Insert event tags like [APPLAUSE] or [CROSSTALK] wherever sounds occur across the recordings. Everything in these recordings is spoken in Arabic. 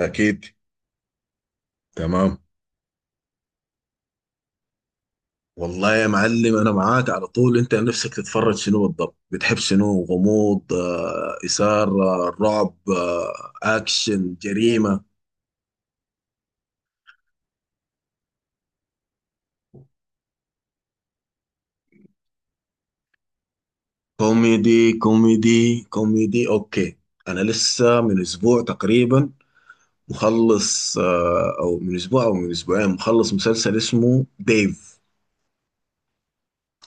اكيد. تمام. والله يا معلم، انا معاك على طول. انت نفسك تتفرج شنو بالضبط؟ بتحب شنو؟ غموض، اثاره، رعب، اكشن، جريمه، كوميدي؟ كوميدي، كوميدي اوكي. انا لسه من اسبوع تقريبا مخلص، او من اسبوع او من اسبوعين مخلص مسلسل اسمه ديف.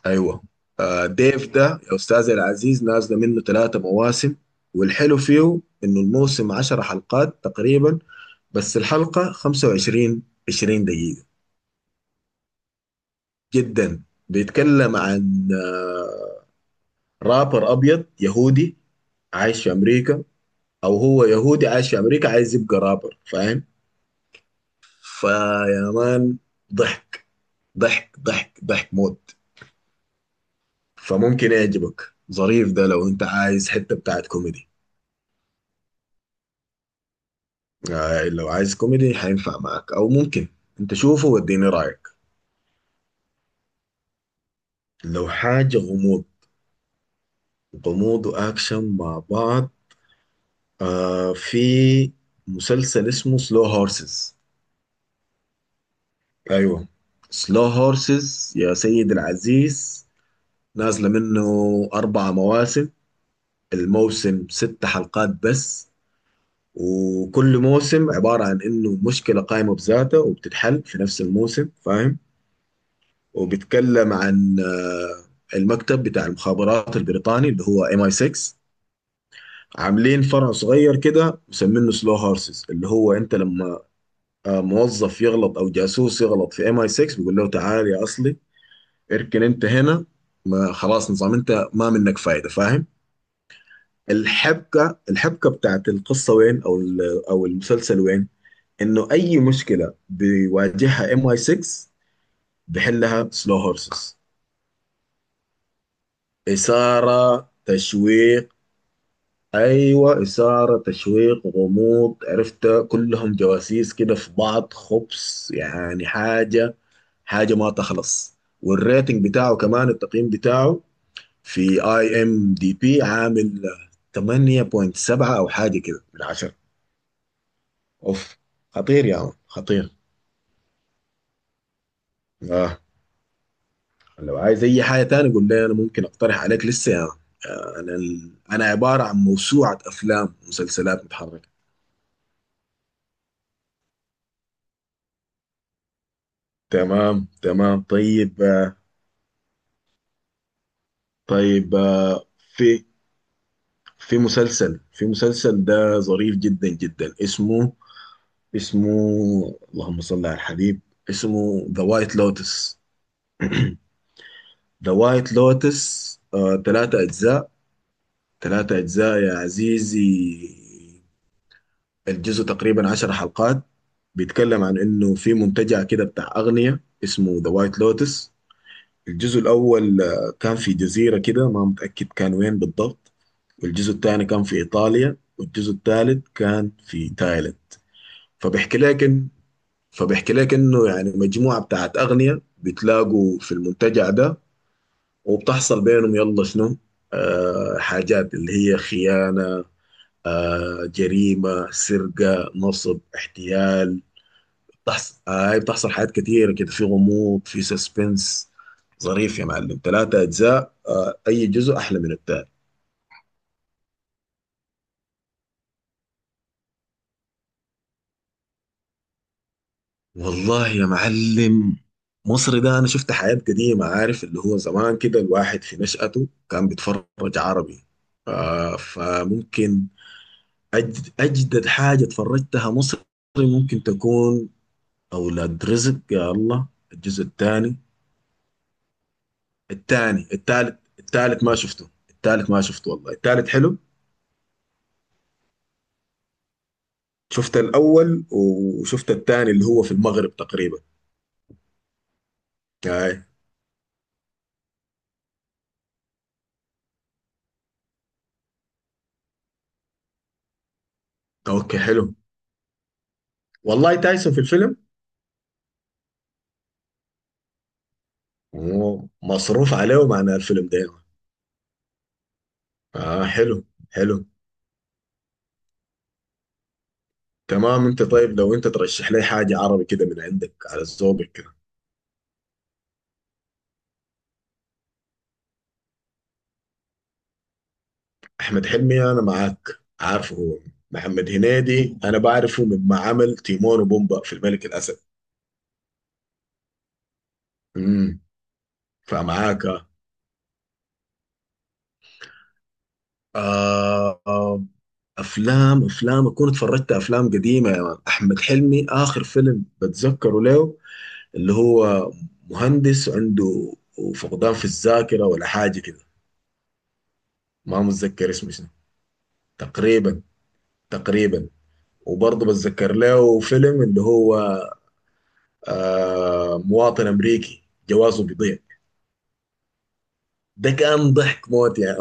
ايوه. ديف ده يا استاذي العزيز نازله منه ثلاثة مواسم. والحلو فيه انه الموسم 10 حلقات تقريبا، بس الحلقة 25 20 دقيقة، جدا. بيتكلم عن رابر أبيض يهودي عايش في أمريكا. أو هو يهودي عايش في أمريكا عايز يبقى رابر، فاهم. فيا مان، ضحك، ضحك ضحك ضحك موت. فممكن يعجبك، ظريف ده لو أنت عايز حتة بتاعت كوميدي. لو عايز كوميدي حينفع معك، أو ممكن أنت شوفه واديني رأيك. لو حاجة غموض، غموض وأكشن مع بعض. في مسلسل اسمه سلو هورسز. ايوه. سلو هورسز يا سيد العزيز، نازله منه اربع مواسم. الموسم ست حلقات بس. وكل موسم عباره عن انه مشكله قائمه بذاتها وبتتحل في نفس الموسم، فاهم. وبيتكلم عن المكتب بتاع المخابرات البريطاني اللي هو ام اي 6. عاملين فرع صغير كده مسمينه سلو هورسز، اللي هو انت لما موظف يغلط او جاسوس يغلط في ام اي 6، بيقول له تعال يا اصلي، اركن انت هنا، ما خلاص، نظام انت ما منك فايده، فاهم. الحبكه بتاعت القصه وين، او او المسلسل وين، انه اي مشكله بيواجهها ام اي 6 بحلها سلو هورسز. اثاره، تشويق. ايوه، اثاره، تشويق، غموض، عرفت كلهم جواسيس كده في بعض، خبص يعني حاجة ما تخلص. والريتنج بتاعه كمان، التقييم بتاعه في IMDB عامل 8.7 او حاجة كده من 10. اوف، خطير يا عم، خطير. اه، لو عايز اي حاجة تاني قول لي، انا ممكن اقترح عليك لسه يا عم. انا عبارة عن موسوعة افلام ومسلسلات متحركة. تمام، تمام، طيب، طيب، في في مسلسل ده ظريف جدا جدا. اسمه، اللهم صل على الحبيب، اسمه ذا وايت لوتس. ذا وايت لوتس، ثلاثة [CLEARS THROAT] أجزاء، ثلاثة أجزاء يا عزيزي. الجزء تقريبا 10 حلقات. بيتكلم عن إنه في منتجع كده بتاع أغنية اسمه ذا وايت لوتس. الجزء الأول كان في جزيرة كده، ما متأكد كان وين بالضبط، والجزء الثاني كان في إيطاليا، والجزء الثالث كان في تايلاند. فبيحكي لك فبيحكي لك انه يعني مجموعه بتاعت اغنياء بتلاقوا في المنتجع ده، وبتحصل بينهم يلا شنو، حاجات اللي هي خيانه، جريمه، سرقه، نصب، احتيال. بتحصل آه هاي بتحصل حاجات كتيره كده، في غموض، في سسبنس. ظريف يا معلم، ثلاثة أجزاء أي جزء أحلى من التاني. والله يا معلم، مصر ده انا شفت حياة قديمة، عارف اللي هو زمان كده الواحد في نشأته كان بيتفرج عربي. ف- فممكن اجدد حاجة اتفرجتها مصري ممكن تكون اولاد رزق، يا الله. الجزء الثاني، الثاني، الثالث، الثالث ما شفته، الثالث ما شفته والله، الثالث حلو. شفت الاول وشفت الثاني اللي هو في المغرب تقريبا. آه. اوكي حلو. والله تايسون في الفيلم؟ هو مصروف عليهم عن الفيلم ده. اه حلو، حلو. تمام، انت طيب، لو انت ترشح لي حاجة عربي كده من عندك، على ذوقك كده. احمد حلمي انا معاك، عارفه هو. محمد هنيدي انا بعرفه مما عمل تيمون وبومبا في الملك الاسد. امم. فمعاك. آه آه، افلام اكون اتفرجت افلام قديمة يا مان. احمد حلمي اخر فيلم بتذكره له اللي هو مهندس عنده فقدان في الذاكرة ولا حاجة كده، ما متذكر اسمه شنو، تقريبا، تقريبا. وبرضه بتذكر له فيلم اللي هو مواطن امريكي جوازه بيضيع. ده كان ضحك موت يعني.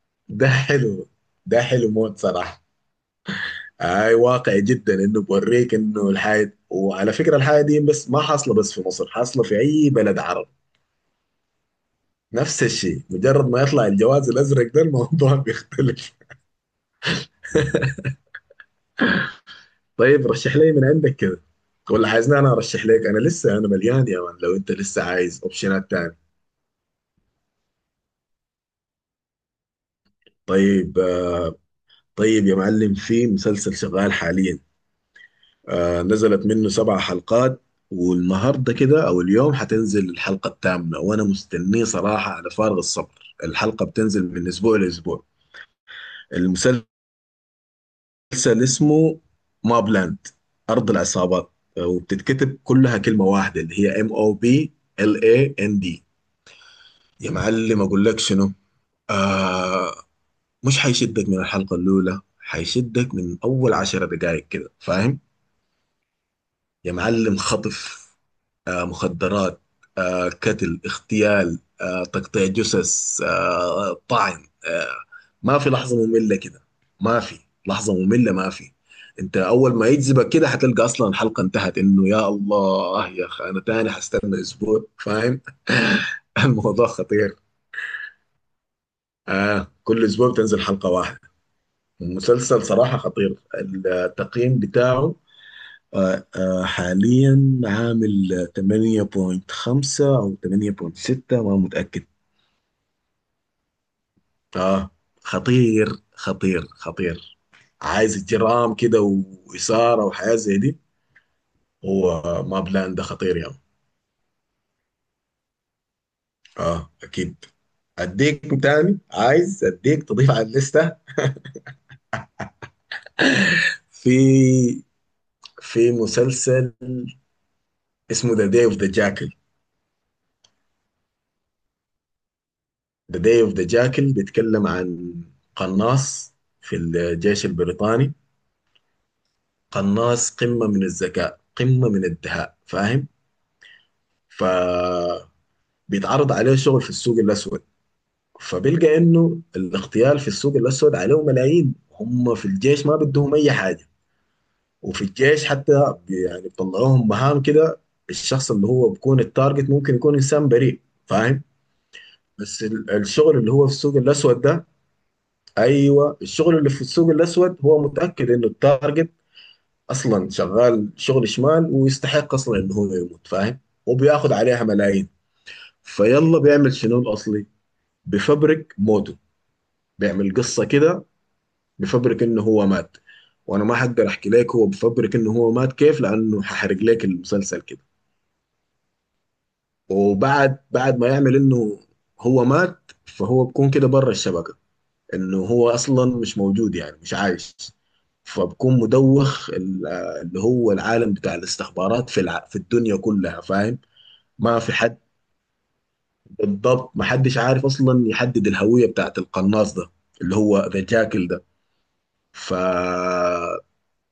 [LAUGHS] ده حلو. ده حلو موت صراحه. اي واقعي جدا انه بوريك انه الحاجه، وعلى فكره الحاجه دي بس ما حاصله، بس في مصر حاصله في اي بلد عربي نفس الشيء، مجرد ما يطلع الجواز الازرق ده الموضوع [LAUGHS] بيختلف. طيب رشح لي من عندك كده، ولا عايزني انا ارشح لك؟ انا لسه، انا مليان يا مان، لو انت لسه عايز اوبشنات تاني. طيب، طيب يا معلم، في مسلسل شغال حاليا، نزلت منه سبع حلقات، والنهارده كده او اليوم حتنزل الحلقه الثامنه، وانا مستنيه صراحه على فارغ الصبر. الحلقه بتنزل من اسبوع لاسبوع. المسلسل اسمه ماب لاند، ارض العصابات، وبتتكتب كلها كلمه واحده اللي هي MOBLAND. يا معلم، اقول لك شنو، آه مش حيشدك من الحلقة الأولى، حيشدك من أول 10 دقائق كده، فاهم. يا معلم، خطف، مخدرات، قتل، اغتيال، تقطيع جثث، طعن، ما في لحظة مملة كده. ما في لحظة مملة، ما في. انت اول ما يجذبك كده حتلقى اصلا الحلقة انتهت، انه يا الله يا اخي انا تاني حستنى اسبوع، فاهم. [LAUGHS] الموضوع خطير. آه، كل اسبوع بتنزل حلقة واحدة. المسلسل صراحة خطير. التقييم بتاعه حاليا عامل 8.5 أو 8.6 ما متأكد. آه خطير، خطير، خطير. عايز جرام كده وإثارة وحياة زي دي. هو ما بلان ده خطير يعني. آه، أكيد. أديك تاني، عايز أديك تضيف على الليستة. في في مسلسل اسمه ذا داي اوف ذا جاكل. ذا داي اوف ذا جاكل بيتكلم عن قناص في الجيش البريطاني. قناص، قمة من الذكاء، قمة من الدهاء، فاهم. فبيتعرض عليه شغل في السوق الأسود، فبيلقى إنه الاغتيال في السوق الأسود عليه ملايين، هم في الجيش ما بدهم أي حاجة. وفي الجيش حتى يعني بيطلعوهم مهام كده، الشخص اللي هو بيكون التارجت ممكن يكون إنسان بريء، فاهم. بس الشغل اللي هو في السوق الأسود ده، ايوه، الشغل اللي في السوق الاسود هو متاكد انه التارجت اصلا شغال شغل شمال ويستحق اصلا انه هو يموت، فاهم. وبياخد عليها ملايين. فيلا بيعمل شنو الاصلي، بفبرك موته، بيعمل قصه كده، بفبرك انه هو مات. وانا ما حقدر احكي لك هو بفبرك انه هو مات كيف، لانه هحرق لك المسلسل كده. وبعد ما يعمل انه هو مات، فهو بكون كده بره الشبكه، انه هو اصلا مش موجود، يعني مش عايش. فبكون مدوخ اللي هو العالم بتاع الاستخبارات في في الدنيا كلها، فاهم. ما في حد، بالضبط ما حدش عارف اصلا يحدد الهوية بتاعت القناص ده اللي هو ذا جاكل ده. ف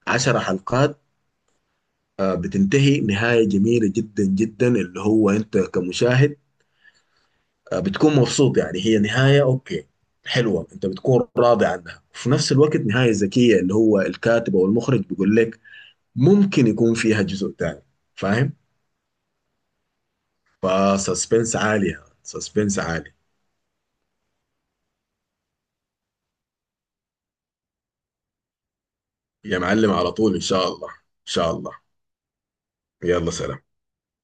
10 حلقات، بتنتهي نهاية جميلة جدا جدا، اللي هو انت كمشاهد بتكون مبسوط. يعني هي نهاية اوكي، حلوة، انت بتكون راضي عنها، وفي نفس الوقت نهاية ذكية اللي هو الكاتب او المخرج بيقول لك ممكن يكون فيها جزء تاني، فاهم. فسسبنس عالي يعني، سسبنس عالي. يا معلم على طول، ان شاء الله، ان شاء الله. يلا سلام.